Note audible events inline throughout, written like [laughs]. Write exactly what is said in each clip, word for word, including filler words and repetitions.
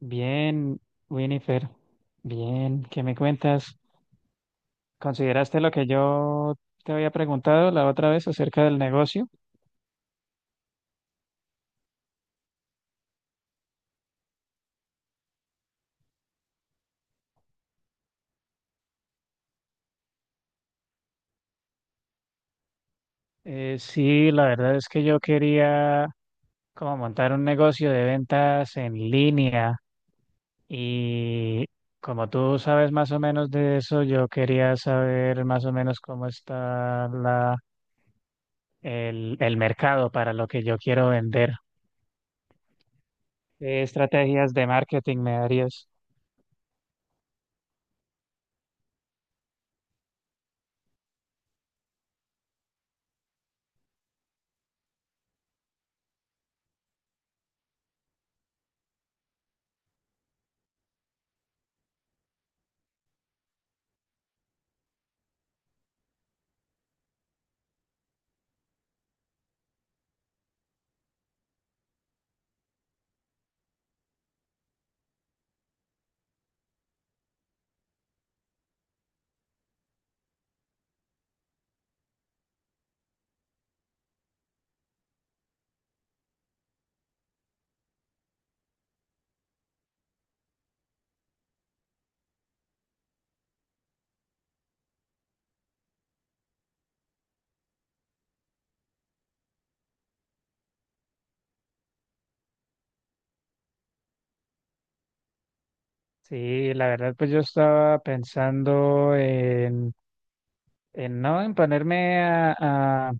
Bien, Winifred, bien, ¿qué me cuentas? ¿Consideraste lo que yo te había preguntado la otra vez acerca del negocio? Eh, sí, la verdad es que yo quería como montar un negocio de ventas en línea y como tú sabes más o menos de eso, yo quería saber más o menos cómo está la, el, el mercado para lo que yo quiero vender. ¿Qué estrategias de marketing me darías? Sí, la verdad, pues yo estaba pensando en, en no, en ponerme a, a,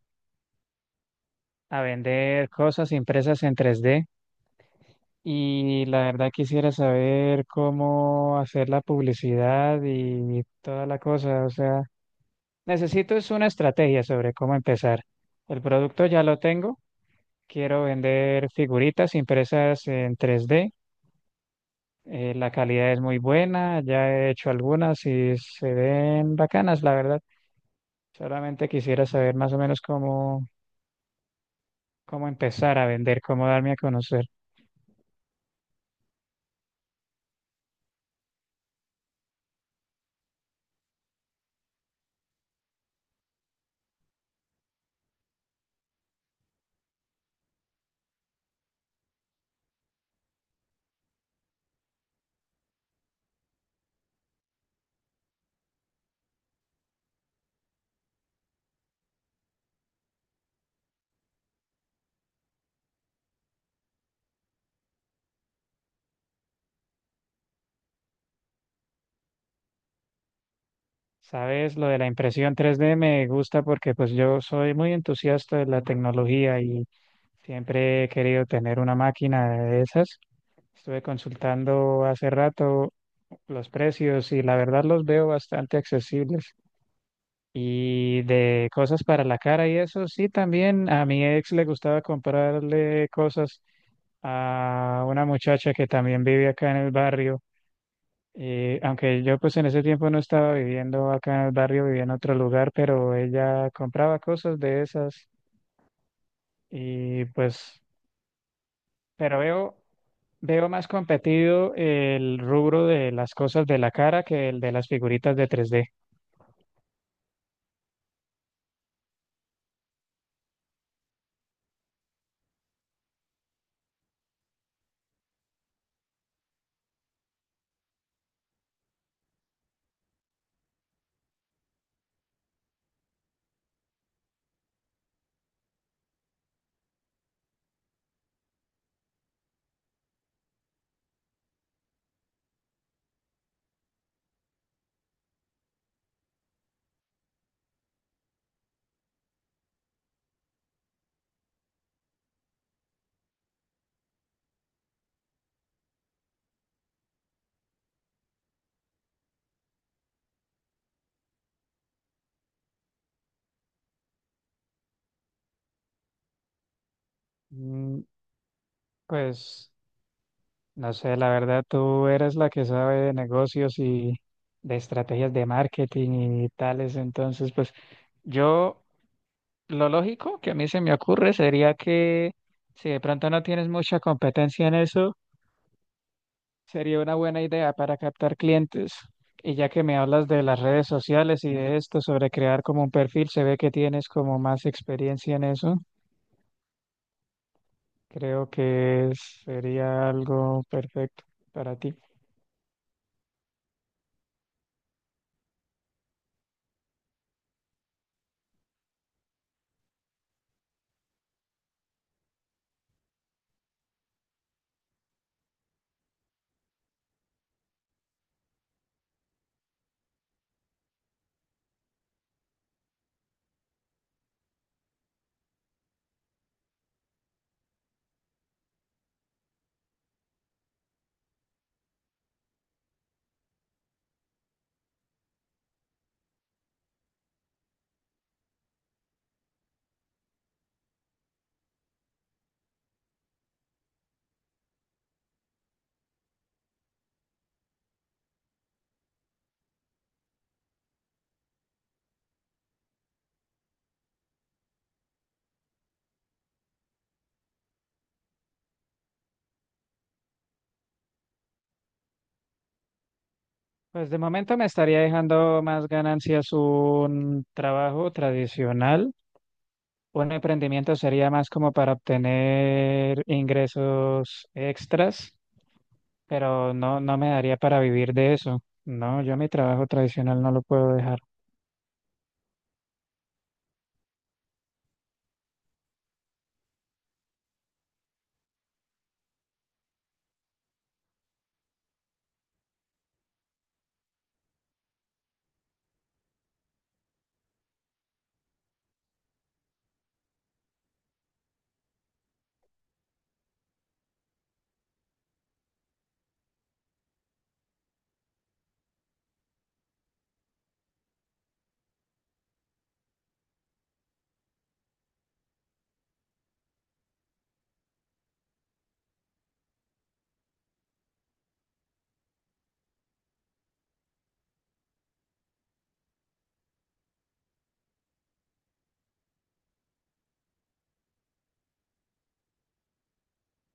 a vender cosas impresas en tres d y la verdad quisiera saber cómo hacer la publicidad y toda la cosa. O sea, necesito es una estrategia sobre cómo empezar. El producto ya lo tengo, quiero vender figuritas impresas en tres d. Eh, la calidad es muy buena, ya he hecho algunas y se ven bacanas, la verdad. Solamente quisiera saber más o menos cómo, cómo empezar a vender, cómo darme a conocer. Sabes, lo de la impresión tres D me gusta porque pues yo soy muy entusiasta de la tecnología y siempre he querido tener una máquina de esas. Estuve consultando hace rato los precios y la verdad los veo bastante accesibles. Y de cosas para la cara y eso, sí, también a mi ex le gustaba comprarle cosas a una muchacha que también vive acá en el barrio. Y aunque yo pues en ese tiempo no estaba viviendo acá en el barrio, vivía en otro lugar, pero ella compraba cosas de esas y pues, pero veo, veo más competido el rubro de las cosas de la cara que el de las figuritas de tres D. Mm, Pues No sé, la verdad, tú eres la que sabe de negocios y de estrategias de marketing y tales. Entonces, pues yo, lo lógico que a mí se me ocurre sería que si de pronto no tienes mucha competencia en eso, sería una buena idea para captar clientes. Y ya que me hablas de las redes sociales y de esto sobre crear como un perfil, se ve que tienes como más experiencia en eso. Creo que sería algo perfecto para ti. Pues de momento me estaría dejando más ganancias un trabajo tradicional. Un emprendimiento sería más como para obtener ingresos extras, pero no, no me daría para vivir de eso. No, yo mi trabajo tradicional no lo puedo dejar.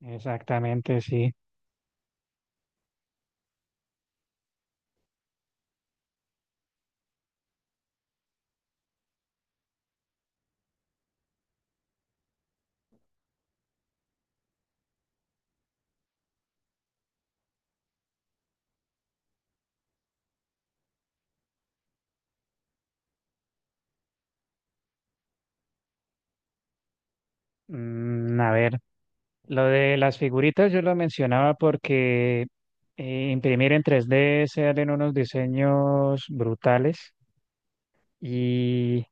Exactamente, sí. Mm, a ver, lo de las figuritas yo lo mencionaba porque eh, imprimir en tres d se hacen unos diseños brutales y...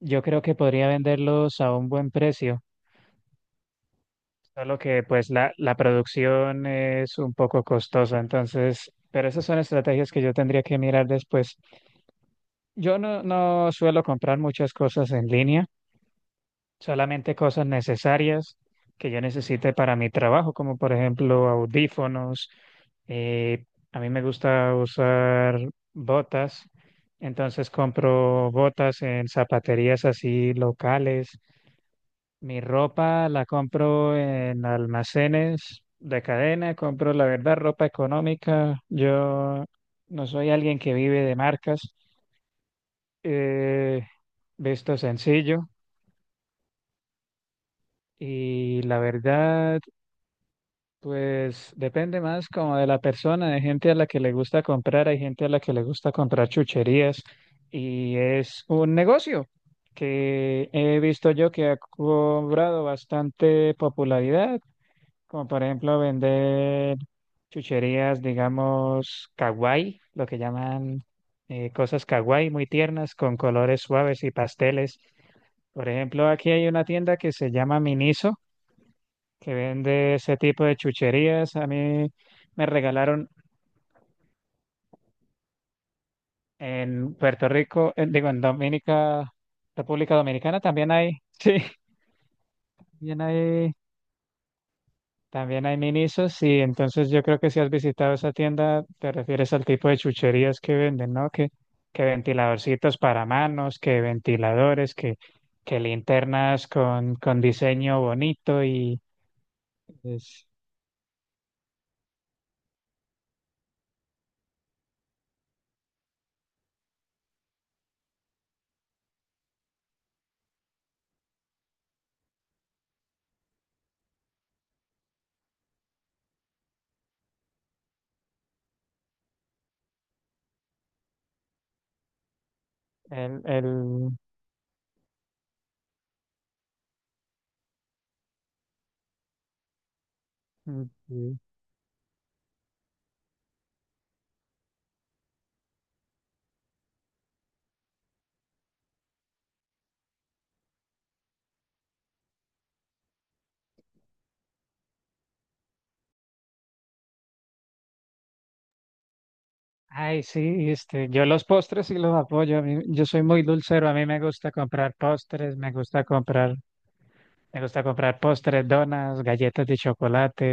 Yo creo que podría venderlos a un buen precio, solo que pues la, la producción es un poco costosa, entonces, pero esas son estrategias que yo tendría que mirar después. Yo no, no suelo comprar muchas cosas en línea, solamente cosas necesarias que yo necesite para mi trabajo, como por ejemplo audífonos. eh, a mí me gusta usar botas, entonces compro botas en zapaterías así locales. Mi ropa la compro en almacenes de cadena, compro la verdad ropa económica. Yo no soy alguien que vive de marcas, eh, visto sencillo y la verdad, pues depende más como de la persona. Hay gente a la que le gusta comprar, hay gente a la que le gusta comprar chucherías y es un negocio que he visto yo que ha cobrado bastante popularidad como por ejemplo vender chucherías, digamos, kawaii, lo que llaman eh, cosas kawaii muy tiernas con colores suaves y pasteles. Por ejemplo, aquí hay una tienda que se llama Miniso, que vende ese tipo de chucherías. A mí me regalaron en Puerto Rico, en- digo, en Dominica, República Dominicana también hay, [laughs] sí, también hay También hay minisos, sí. Entonces yo creo que si has visitado esa tienda, te refieres al tipo de chucherías que venden, ¿no? Que, que ventiladorcitos para manos, que ventiladores, que, que linternas con, con diseño bonito y es el, el... mm, Ay, sí, este, yo los postres sí los apoyo. a mí- yo soy muy dulcero, a mí me gusta comprar postres, me gusta comprar, me gusta comprar postres, donas, galletas de chocolate.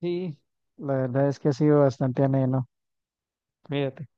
Sí, la verdad es que ha sido bastante ameno. Fíjate.